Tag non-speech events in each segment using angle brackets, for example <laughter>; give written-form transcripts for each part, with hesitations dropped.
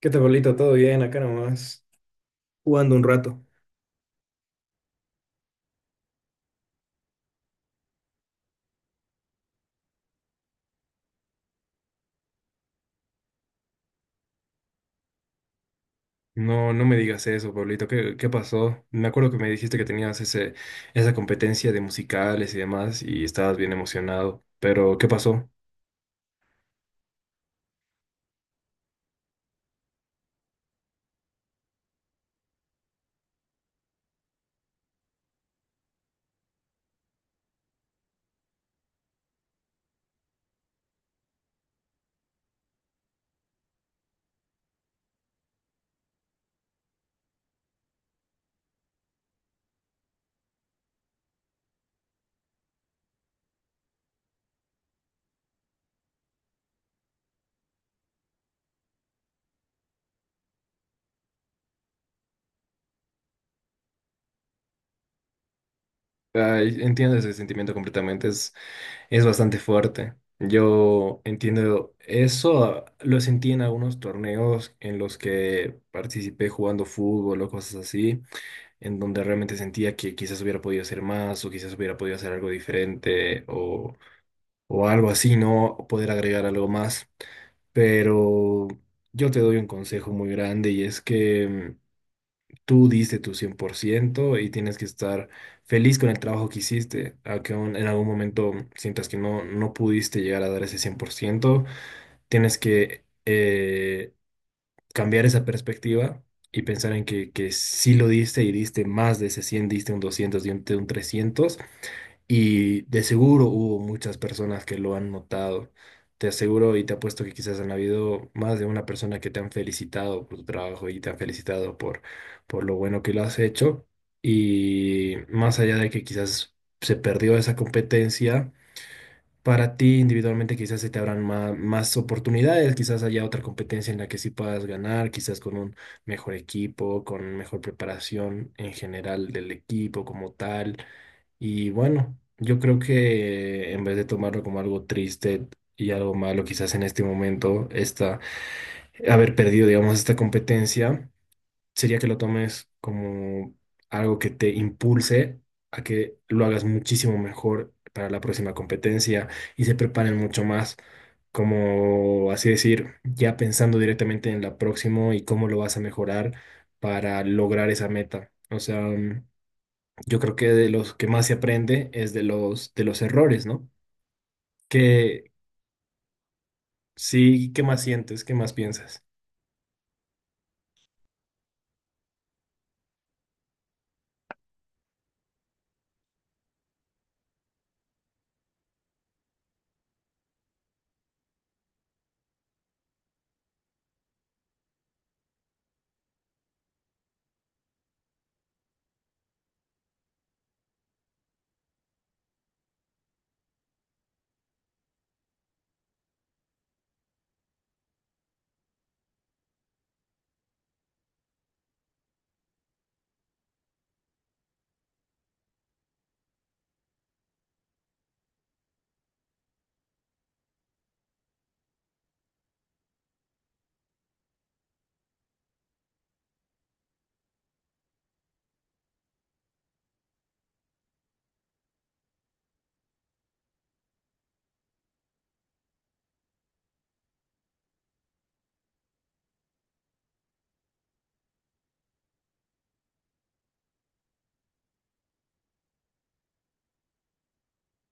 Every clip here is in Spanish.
¿Qué tal, Pablito? ¿Todo bien? Acá nomás, jugando un rato. No, no me digas eso, Pablito. ¿Qué pasó? Me acuerdo que me dijiste que tenías esa competencia de musicales y demás y estabas bien emocionado. Pero, ¿qué pasó? Ay, entiendo ese sentimiento completamente. Es bastante fuerte. Yo entiendo eso. Ah, lo sentí en algunos torneos en los que participé jugando fútbol o cosas así, en donde realmente sentía que quizás hubiera podido hacer más o quizás hubiera podido hacer algo diferente o algo así, ¿no? Poder agregar algo más. Pero yo te doy un consejo muy grande y es que tú diste tu 100% y tienes que estar feliz con el trabajo que hiciste, aunque aún en algún momento sientas que no, no pudiste llegar a dar ese 100% tienes que cambiar esa perspectiva. Y pensar en que sí lo diste y diste más de ese 100 diste un 200 diste un 300 y de seguro hubo muchas personas que lo han notado. Te aseguro y te apuesto que quizás han habido más de una persona que te han felicitado por tu trabajo y te han felicitado por lo bueno que lo has hecho. Y más allá de que quizás se perdió esa competencia, para ti individualmente quizás se te abran más, oportunidades, quizás haya otra competencia en la que sí puedas ganar, quizás con un mejor equipo, con mejor preparación en general del equipo como tal. Y bueno, yo creo que en vez de tomarlo como algo triste y algo malo, quizás en este momento, haber perdido, digamos, esta competencia, sería que lo tomes como algo que te impulse a que lo hagas muchísimo mejor para la próxima competencia y se preparen mucho más, como así decir, ya pensando directamente en la próxima y cómo lo vas a mejorar para lograr esa meta. O sea, yo creo que de los que más se aprende es de los errores, ¿no? Que sí, ¿qué más sientes? ¿Qué más piensas?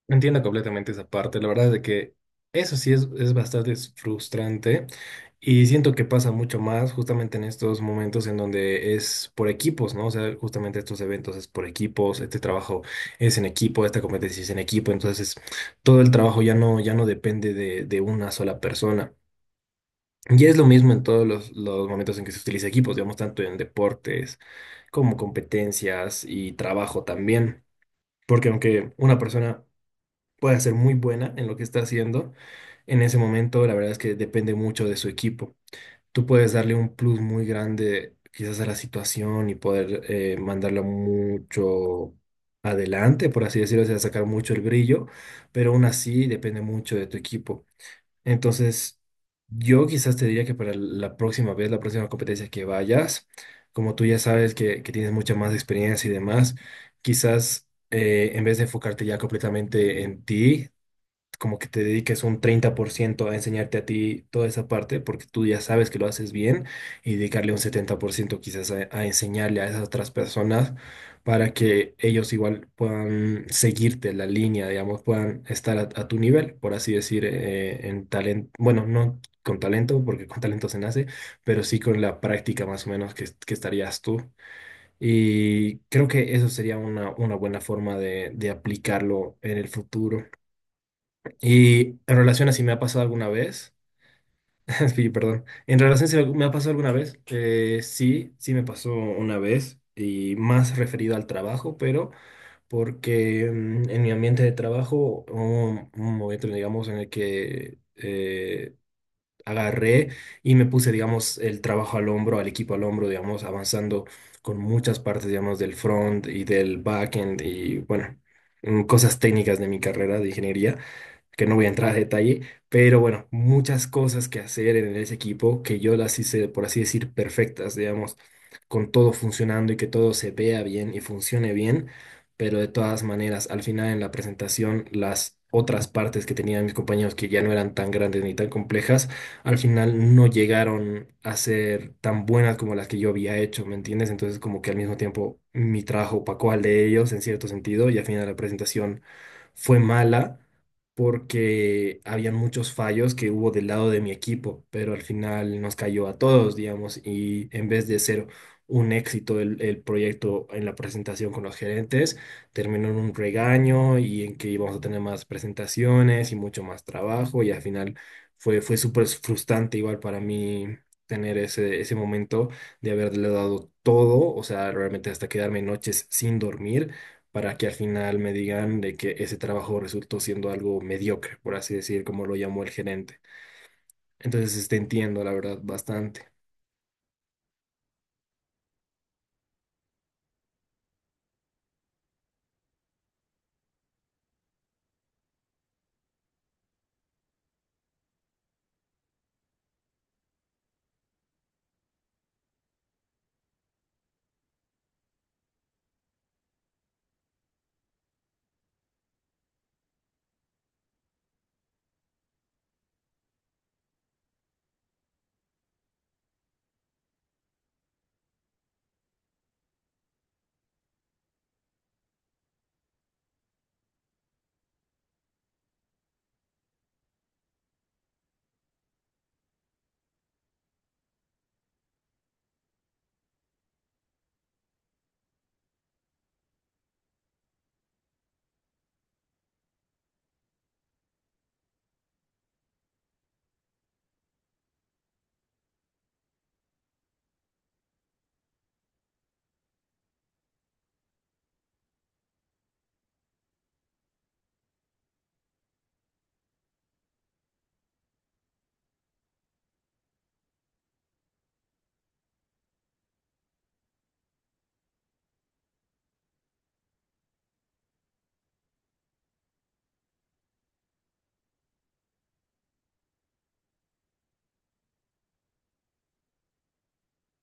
Entiendo completamente esa parte. La verdad de que eso sí es bastante frustrante y siento que pasa mucho más justamente en estos momentos en donde es por equipos, ¿no? O sea, justamente estos eventos es por equipos, este trabajo es en equipo, esta competencia es en equipo, entonces todo el trabajo ya no depende de una sola persona. Y es lo mismo en todos los momentos en que se utiliza equipos, digamos, tanto en deportes como competencias y trabajo también. Porque aunque una persona pueda ser muy buena en lo que está haciendo, en ese momento la verdad es que depende mucho de su equipo. Tú puedes darle un plus muy grande quizás a la situación y poder mandarla mucho adelante, por así decirlo, o sea, sacar mucho el brillo, pero aún así depende mucho de tu equipo. Entonces, yo quizás te diría que para la próxima vez, la próxima competencia que vayas, como tú ya sabes que tienes mucha más experiencia y demás, quizás en vez de enfocarte ya completamente en ti, como que te dediques un 30% a enseñarte a ti toda esa parte, porque tú ya sabes que lo haces bien, y dedicarle un 70% quizás a enseñarle a esas otras personas para que ellos igual puedan seguirte la línea, digamos, puedan estar a tu nivel, por así decir, en talento, bueno, no con talento, porque con talento se nace, pero sí con la práctica más o menos que estarías tú. Y creo que eso sería una buena forma de aplicarlo en el futuro. Y en relación a si me ha pasado alguna vez, <laughs> es que yo, perdón, en relación a si me ha pasado alguna vez, sí, sí me pasó una vez y más referido al trabajo, pero porque en mi ambiente de trabajo hubo un momento, digamos, en el que agarré y me puse, digamos, el trabajo al hombro, al equipo al hombro, digamos, avanzando con muchas partes, digamos, del front y del backend y, bueno, cosas técnicas de mi carrera de ingeniería que no voy a entrar a detalle, pero bueno, muchas cosas que hacer en ese equipo que yo las hice, por así decir, perfectas, digamos, con todo funcionando y que todo se vea bien y funcione bien, pero de todas maneras, al final en la presentación, las otras partes que tenían mis compañeros que ya no eran tan grandes ni tan complejas, al final no llegaron a ser tan buenas como las que yo había hecho, ¿me entiendes? Entonces como que al mismo tiempo mi trabajo opacó al de ellos en cierto sentido y al final la presentación fue mala porque habían muchos fallos que hubo del lado de mi equipo, pero al final nos cayó a todos, digamos, y en vez de ser un éxito el proyecto en la presentación con los gerentes, terminó en un regaño y en que íbamos a tener más presentaciones y mucho más trabajo y al final fue súper frustrante igual para mí, tener ese momento de haberle dado todo, o sea, realmente hasta quedarme noches sin dormir para que al final me digan de que ese trabajo resultó siendo algo mediocre, por así decir, como lo llamó el gerente. Entonces, este, entiendo, la verdad, bastante.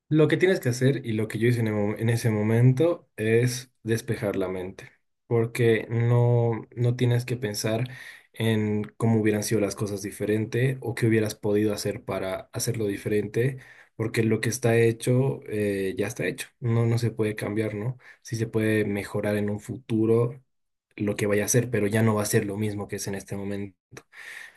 Lo que tienes que hacer y lo que yo hice en ese momento es despejar la mente, porque no, no tienes que pensar en cómo hubieran sido las cosas diferente o qué hubieras podido hacer para hacerlo diferente, porque lo que está hecho ya está hecho, no, no se puede cambiar, ¿no? Sí se puede mejorar en un futuro lo que vaya a ser, pero ya no va a ser lo mismo que es en este momento.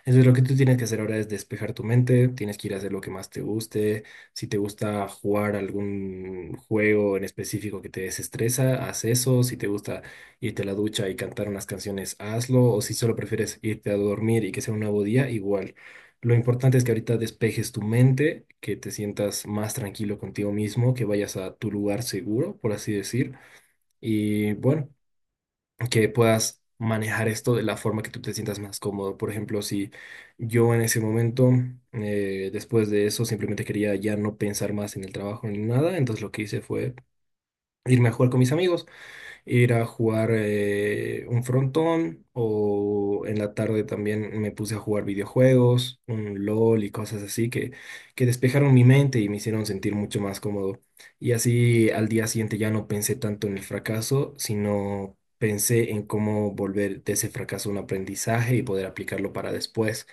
Entonces lo que tú tienes que hacer ahora es despejar tu mente, tienes que ir a hacer lo que más te guste, si te gusta jugar algún juego en específico que te desestresa, haz eso, si te gusta irte a la ducha y cantar unas canciones, hazlo, o si solo prefieres irte a dormir y que sea un nuevo día, igual. Lo importante es que ahorita despejes tu mente, que te sientas más tranquilo contigo mismo, que vayas a tu lugar seguro, por así decir. Y bueno que puedas manejar esto de la forma que tú te sientas más cómodo. Por ejemplo, si yo en ese momento, después de eso, simplemente quería ya no pensar más en el trabajo ni nada, entonces lo que hice fue irme a jugar con mis amigos ir a jugar un frontón o en la tarde también me puse a jugar videojuegos, un LOL y cosas así que despejaron mi mente y me hicieron sentir mucho más cómodo. Y así al día siguiente ya no pensé tanto en el fracaso, sino pensé en cómo volver de ese fracaso un aprendizaje y poder aplicarlo para después.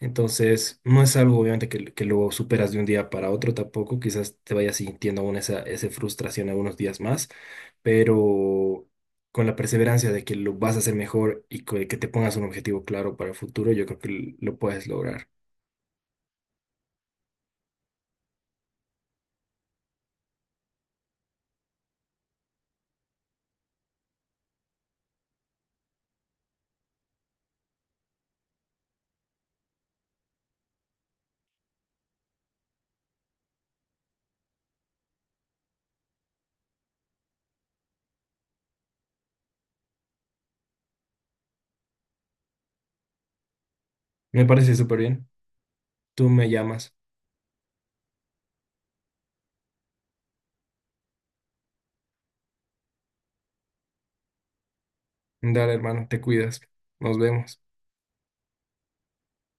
Entonces, no es algo obviamente que lo superas de un día para otro tampoco, quizás te vayas sintiendo aún esa frustración algunos días más, pero con la perseverancia de que lo vas a hacer mejor y que te pongas un objetivo claro para el futuro, yo creo que lo puedes lograr. Me parece súper bien. Tú me llamas. Dale, hermano, te cuidas. Nos vemos.